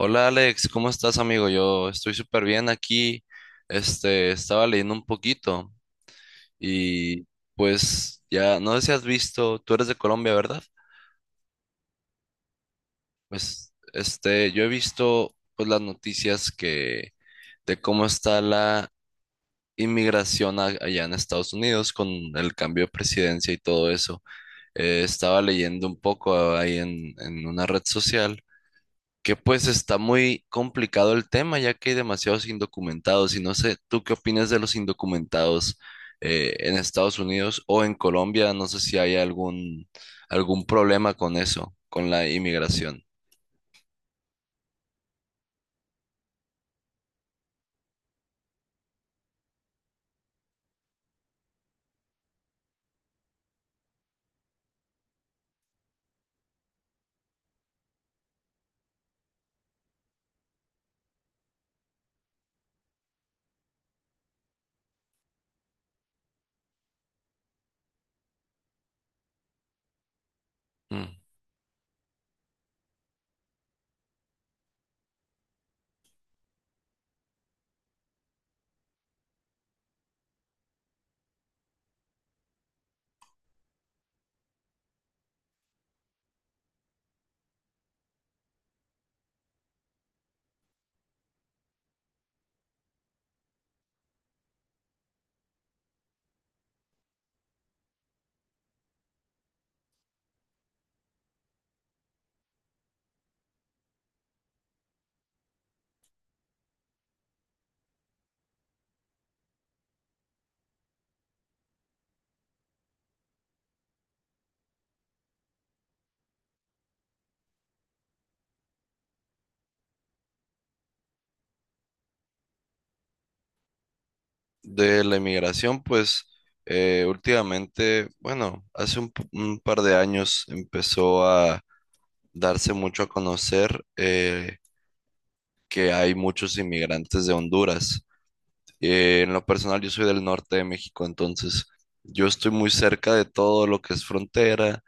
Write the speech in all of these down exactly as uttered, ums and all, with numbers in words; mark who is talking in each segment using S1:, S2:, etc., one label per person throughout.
S1: Hola Alex, ¿cómo estás amigo? Yo estoy súper bien aquí. Este, estaba leyendo un poquito y pues ya, no sé si has visto, tú eres de Colombia, ¿verdad? Pues este, yo he visto pues las noticias que de cómo está la inmigración a- allá en Estados Unidos con el cambio de presidencia y todo eso. Eh, estaba leyendo un poco ahí en, en una red social que pues está muy complicado el tema, ya que hay demasiados indocumentados y no sé, ¿tú qué opinas de los indocumentados eh, en Estados Unidos o en Colombia? No sé si hay algún, algún problema con eso, con la inmigración. Mm. De la inmigración, pues eh, últimamente, bueno, hace un, p- un par de años empezó a darse mucho a conocer. Eh, que hay muchos inmigrantes de Honduras. Eh, en lo personal, yo soy del norte de México, entonces yo estoy muy cerca de todo lo que es frontera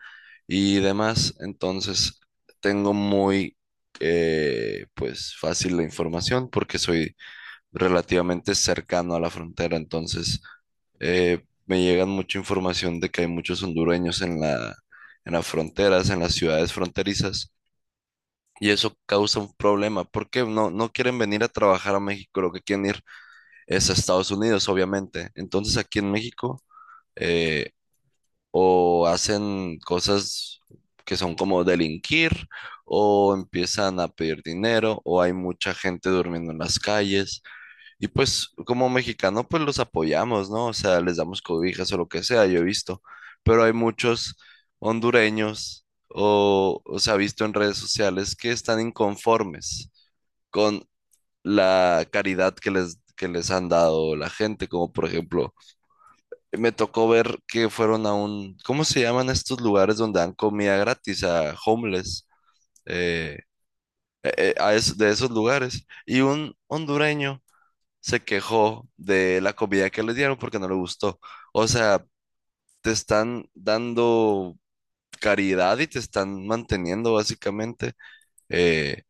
S1: y demás, entonces tengo muy eh, pues fácil la información porque soy relativamente cercano a la frontera, entonces eh, me llegan mucha información de que hay muchos hondureños en la, en las fronteras, en las ciudades fronterizas. Y eso causa un problema, porque no, no quieren venir a trabajar a México, lo que quieren ir es a Estados Unidos, obviamente. Entonces aquí en México eh, o hacen cosas que son como delinquir, o empiezan a pedir dinero, o hay mucha gente durmiendo en las calles, y pues como mexicano, pues los apoyamos, ¿no? O sea, les damos cobijas o lo que sea, yo he visto. Pero hay muchos hondureños o, o se ha visto en redes sociales que están inconformes con la caridad que les, que les han dado la gente. Como por ejemplo, me tocó ver que fueron a un, ¿cómo se llaman estos lugares donde dan comida gratis a homeless? Eh, eh, eh, a es- de esos lugares. Y un hondureño se quejó de la comida que le dieron porque no le gustó. O sea, te están dando caridad y te están manteniendo básicamente eh,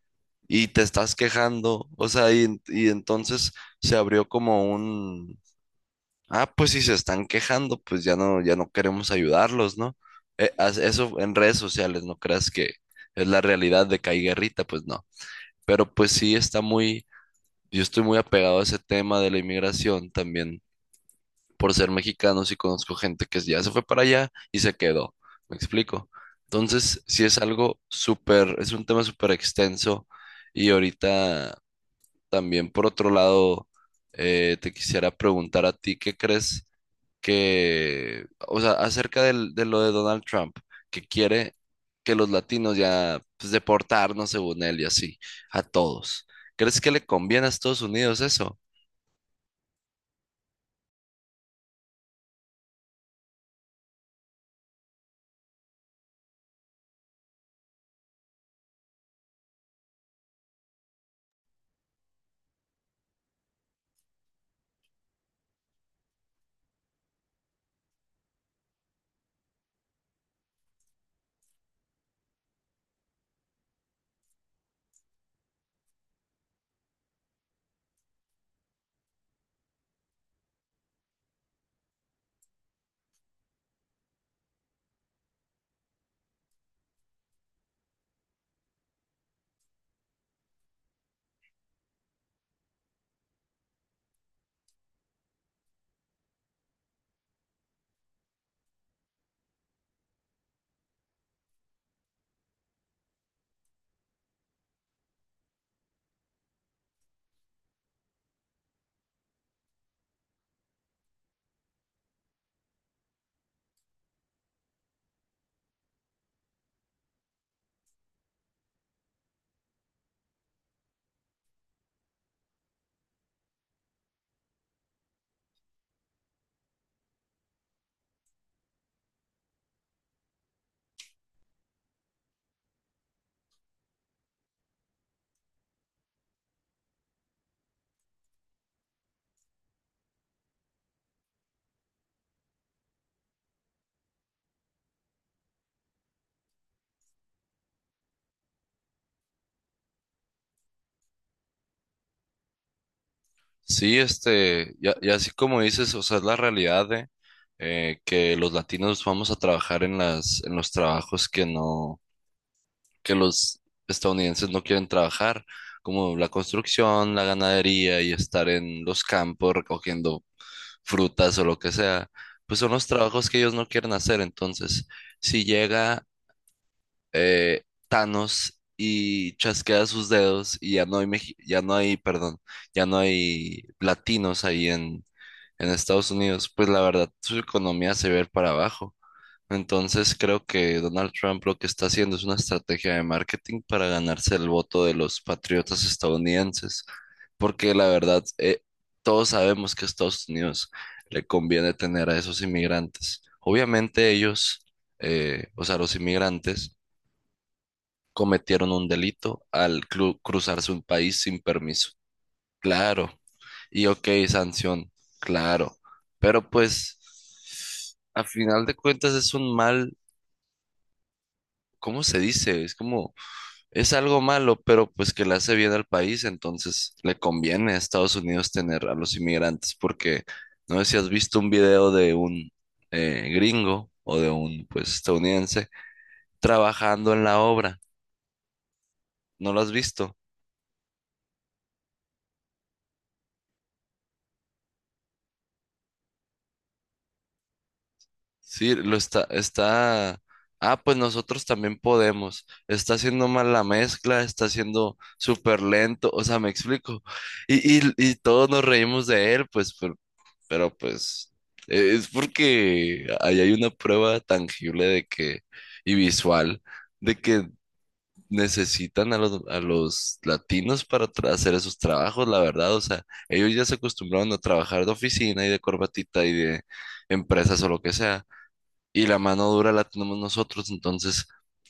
S1: y te estás quejando. O sea, y, y entonces se abrió como un, ah, pues si se están quejando, pues ya no, ya no queremos ayudarlos, ¿no? Eh, as- eso en redes sociales, no creas que es la realidad de que hay guerrita, pues no. Pero pues sí está muy, yo estoy muy apegado a ese tema de la inmigración también por ser mexicanos y conozco gente que ya se fue para allá y se quedó. ¿Me explico? Entonces, sí es algo súper, es un tema súper extenso y ahorita también por otro lado, eh, te quisiera preguntar a ti, ¿qué crees que, o sea, acerca del- de lo de Donald Trump, que quiere que los latinos ya, pues, deportarnos según él y así, a todos? ¿Crees que le conviene a Estados Unidos eso? Sí, este, ya, ya así como dices, o sea, es la realidad de eh, que los latinos vamos a trabajar en las, en los trabajos que no, que los estadounidenses no quieren trabajar, como la construcción, la ganadería y estar en los campos recogiendo frutas o lo que sea, pues son los trabajos que ellos no quieren hacer. Entonces, si llega eh, Thanos y chasquea sus dedos y ya no hay, meji- ya no hay, perdón, ya no hay latinos ahí en, en Estados Unidos, pues la verdad su economía se ve para abajo. Entonces creo que Donald Trump lo que está haciendo es una estrategia de marketing para ganarse el voto de los patriotas estadounidenses, porque la verdad eh, todos sabemos que a Estados Unidos le conviene tener a esos inmigrantes. Obviamente ellos, eh, o sea, los inmigrantes, cometieron un delito al cru- cruzarse un país sin permiso. Claro. Y ok, sanción. Claro. Pero pues, a final de cuentas es un mal, ¿cómo se dice? Es como, es algo malo, pero pues que le hace bien al país, entonces le conviene a Estados Unidos tener a los inmigrantes, porque no sé si has visto un video de un eh, gringo o de un pues estadounidense trabajando en la obra. ¿No lo has visto? Sí, lo está, está, ah, pues nosotros también podemos. Está haciendo mal la mezcla, está haciendo súper lento, o sea, me explico. Y, y, y todos nos reímos de él, pues, pero, pero, pues, eh, es porque ahí hay una prueba tangible de que, y visual, de que necesitan a los, a los latinos para tra- hacer esos trabajos, la verdad. O sea, ellos ya se acostumbraron a trabajar de oficina y de corbatita y de empresas o lo que sea y la mano dura la tenemos nosotros. Entonces,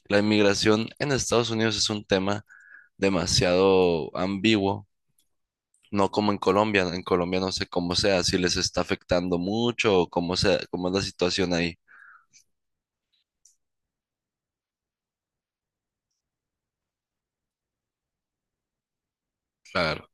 S1: la inmigración en Estados Unidos es un tema demasiado ambiguo, no como en Colombia. En Colombia no sé cómo sea, si les está afectando mucho o cómo sea, cómo es la situación ahí. Claro.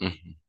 S1: Mm.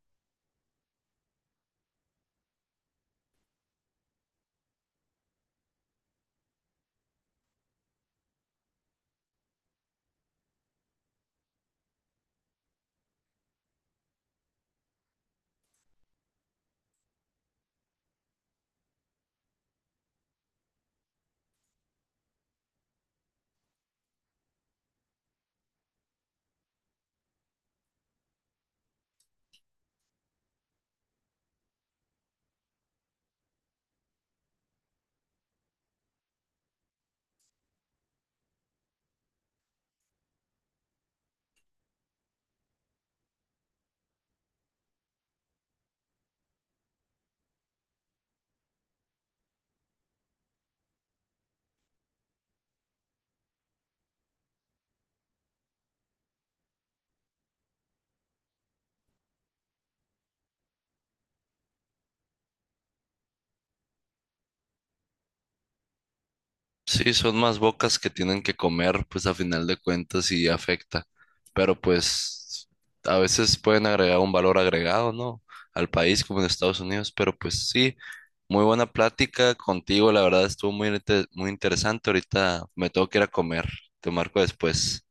S1: Sí, son más bocas que tienen que comer, pues a final de cuentas y afecta. Pero pues a veces pueden agregar un valor agregado, ¿no? Al país como en Estados Unidos. Pero pues sí, muy buena plática contigo. La verdad estuvo muy, inte- muy interesante. Ahorita me tengo que ir a comer. Te marco después.